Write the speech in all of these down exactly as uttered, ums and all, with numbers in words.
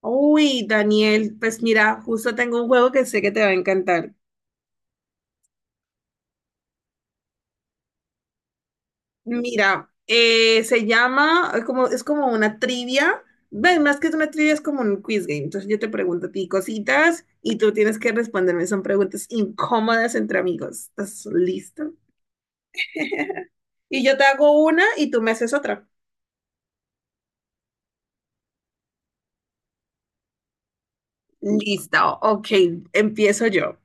Uy, Daniel, pues mira, justo tengo un juego que sé que te va a encantar. Mira, eh, se llama, es como, es como una trivia. Ven, más que una trivia es como un quiz game. Entonces yo te pregunto a ti cositas y tú tienes que responderme. Son preguntas incómodas entre amigos. ¿Estás listo? Y yo te hago una y tú me haces otra. Listo, ok, empiezo yo.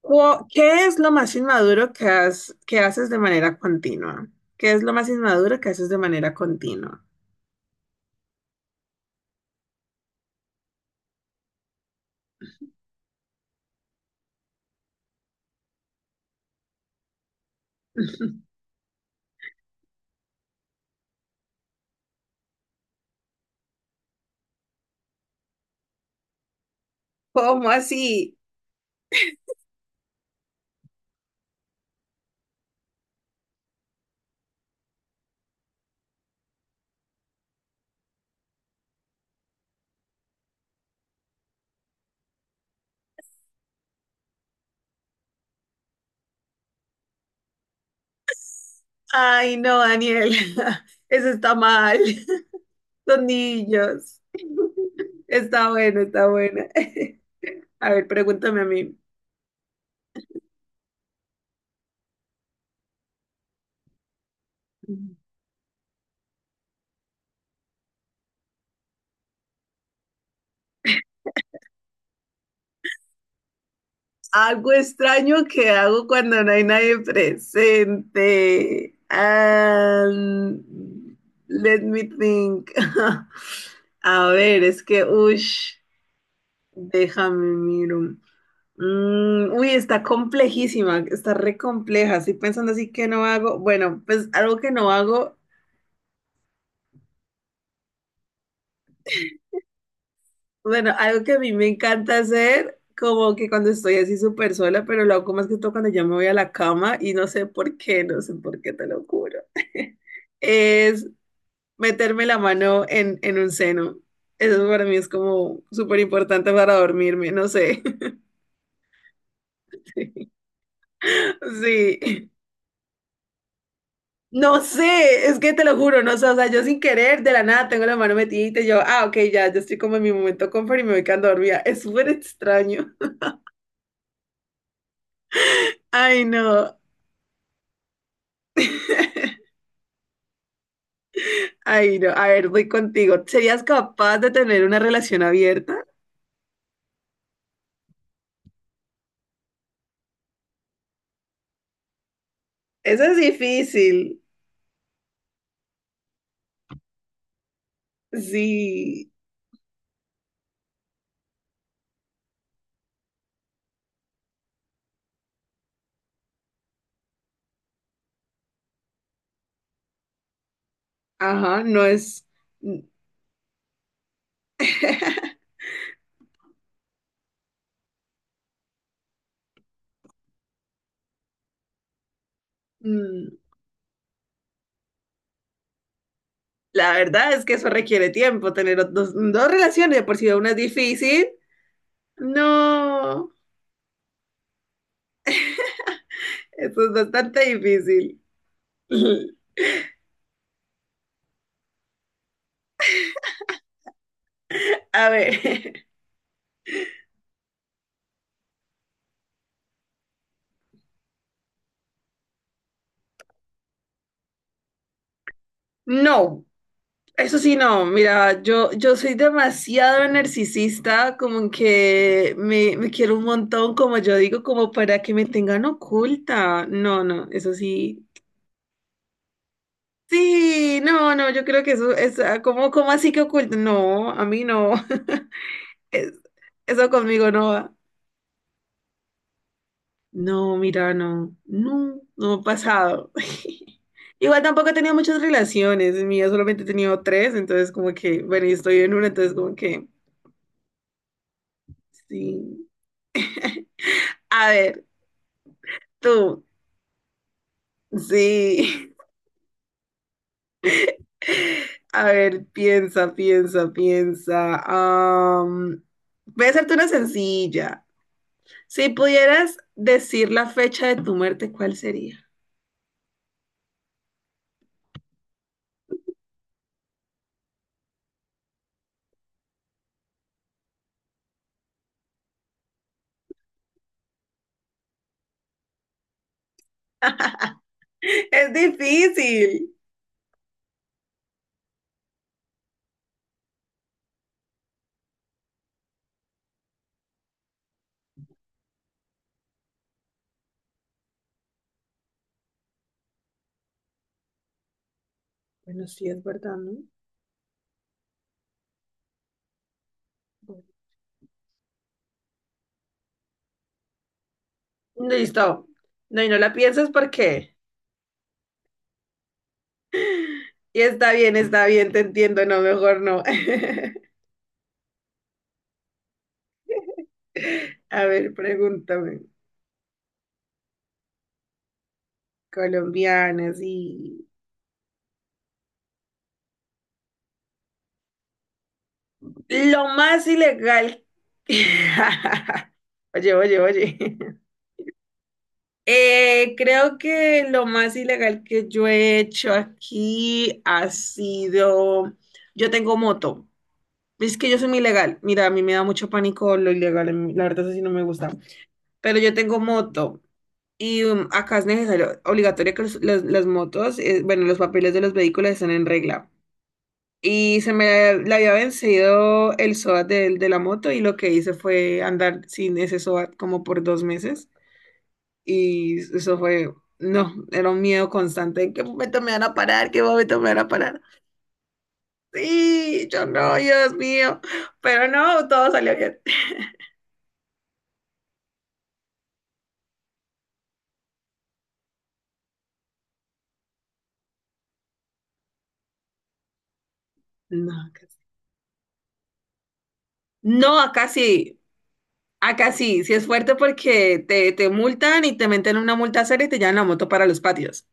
Cu- ¿Qué es lo más inmaduro que, has- que haces de manera continua? ¿Qué es lo más inmaduro que haces de manera continua? ¿Cómo así? Ay, no, Daniel, eso está mal. Los niños. Está bueno, está buena. A ver, pregúntame a mí. Algo extraño que hago cuando no hay nadie presente. Um, let me think. A ver, es que, uff, déjame miro. Mm, uy, está complejísima, está re compleja. Estoy pensando así que no hago. Bueno, pues algo que no hago, bueno, algo que a mí me encanta hacer, como que cuando estoy así súper sola, pero lo hago más que todo cuando ya me voy a la cama y no sé por qué, no sé por qué, te lo juro. Es meterme la mano en, en un seno. Eso para mí es como súper importante para dormirme, no sé. Sí. No sé, es que te lo juro, no sé, o sea, yo sin querer, de la nada, tengo la mano metida y yo, ah, ok, ya, yo estoy como en mi momento confort y me voy quedando dormida. Es súper extraño. Ay, no, ay, no, a ver, voy contigo. ¿Serías capaz de tener una relación abierta? Eso es difícil. Sí, ajá, no es. mm, mm, La verdad es que eso requiere tiempo, tener dos, dos relaciones, de por si una es difícil. No, eso es bastante difícil. A ver, no, eso sí no, mira, yo, yo soy demasiado narcisista, como que me, me quiero un montón, como yo digo, como para que me tengan oculta. No, no, eso sí. Sí, no, no, yo creo que eso es ah, como, como así que oculta. No, a mí no. Es- Eso conmigo no va. No, mira, no, no, no ha pasado. Igual tampoco he tenido muchas relaciones, en mi vida solamente he tenido tres, entonces como que, bueno, y estoy en una, entonces como que, sí. A ver, tú, sí. A ver, piensa, piensa, piensa. Am, voy a hacerte una sencilla. Si pudieras decir la fecha de tu muerte, ¿cuál sería? Es difícil. Bueno, sí, es verdad, ¿no? Bueno. Listo. No, y no la piensas porque. Y está bien, está bien, te entiendo, no, mejor no. A ver, pregúntame. Colombianas, sí. Lo más ilegal. Oye, oye, oye. Eh, creo que lo más ilegal que yo he hecho aquí ha sido, yo tengo moto. Es que yo soy muy ilegal. Mira, a mí me da mucho pánico lo ilegal. a mí- La verdad, eso sí no me gusta. Pero yo tengo moto. Y um, acá es necesario, obligatorio que los- las las motos, eh, bueno, los papeles de los vehículos estén en regla. Y se me le había vencido el SOAT de, de la moto y lo que hice fue andar sin ese SOAT como por dos meses. Y eso fue, no, era un miedo constante. ¿En qué momento me van a parar? ¿Qué momento me van a parar? Sí, yo no, Dios mío. Pero no, todo salió bien. No, acá sí. No, acá sí. Acá sí, sí es fuerte porque te, te multan y te meten una multa seria y te llevan la moto para los patios.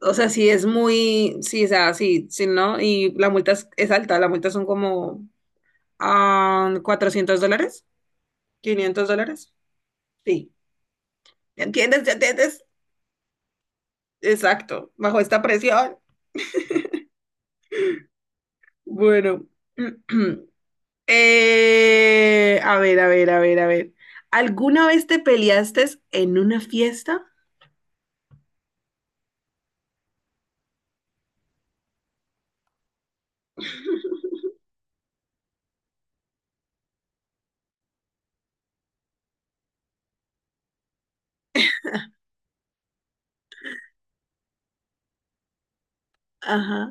O sea, sí es muy, sí, o sea, sí, sí, ¿no? Y la multa es, es alta, la multa son como ah, cuatrocientos dólares, quinientos dólares. Sí, ¿ya entiendes? ¿Ya entiendes? Exacto, bajo esta presión. Bueno, eh, a ver, a ver, a ver, a ver. ¿Alguna vez te peleaste en una fiesta? Ajá,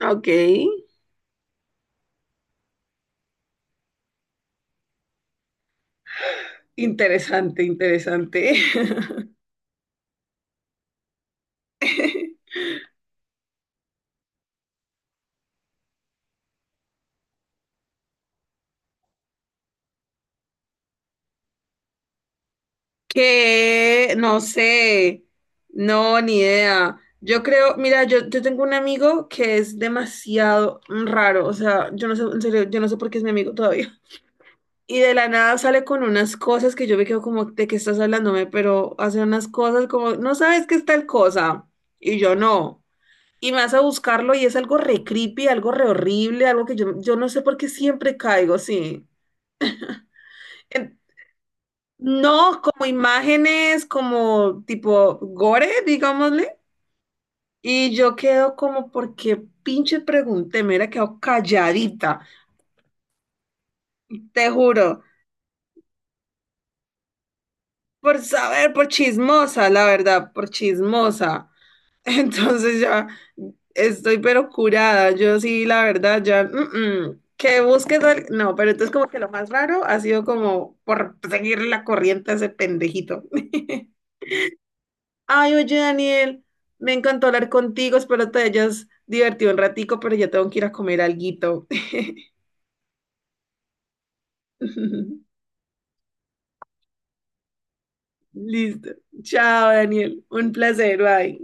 ok. Interesante, interesante. Que no sé, no, ni idea. Yo creo, mira, yo, yo tengo un amigo que es demasiado raro, o sea, yo no sé, en serio, yo no sé por qué es mi amigo todavía. Y de la nada sale con unas cosas que yo me quedo como, ¿de qué estás hablándome? Pero hace unas cosas como, no sabes qué es tal cosa. Y yo no. Y me vas a buscarlo y es algo re creepy, algo re horrible, algo que yo, yo no sé por qué siempre caigo, sí. No, como imágenes, como tipo gore, digámosle. Y yo quedo como, ¿porque pinche pregunté? Me hubiera quedado calladita, te juro. Por saber, por chismosa, la verdad, por chismosa. Entonces ya estoy pero curada. Yo sí, la verdad, ya. mm, mm, Que busques. al- No, pero entonces como que lo más raro ha sido como por seguir la corriente a ese pendejito. Ay, oye, Daniel, me encantó hablar contigo, espero te hayas divertido un ratico, pero ya tengo que ir a comer alguito. Listo. Chao, Daniel. Un placer, bye.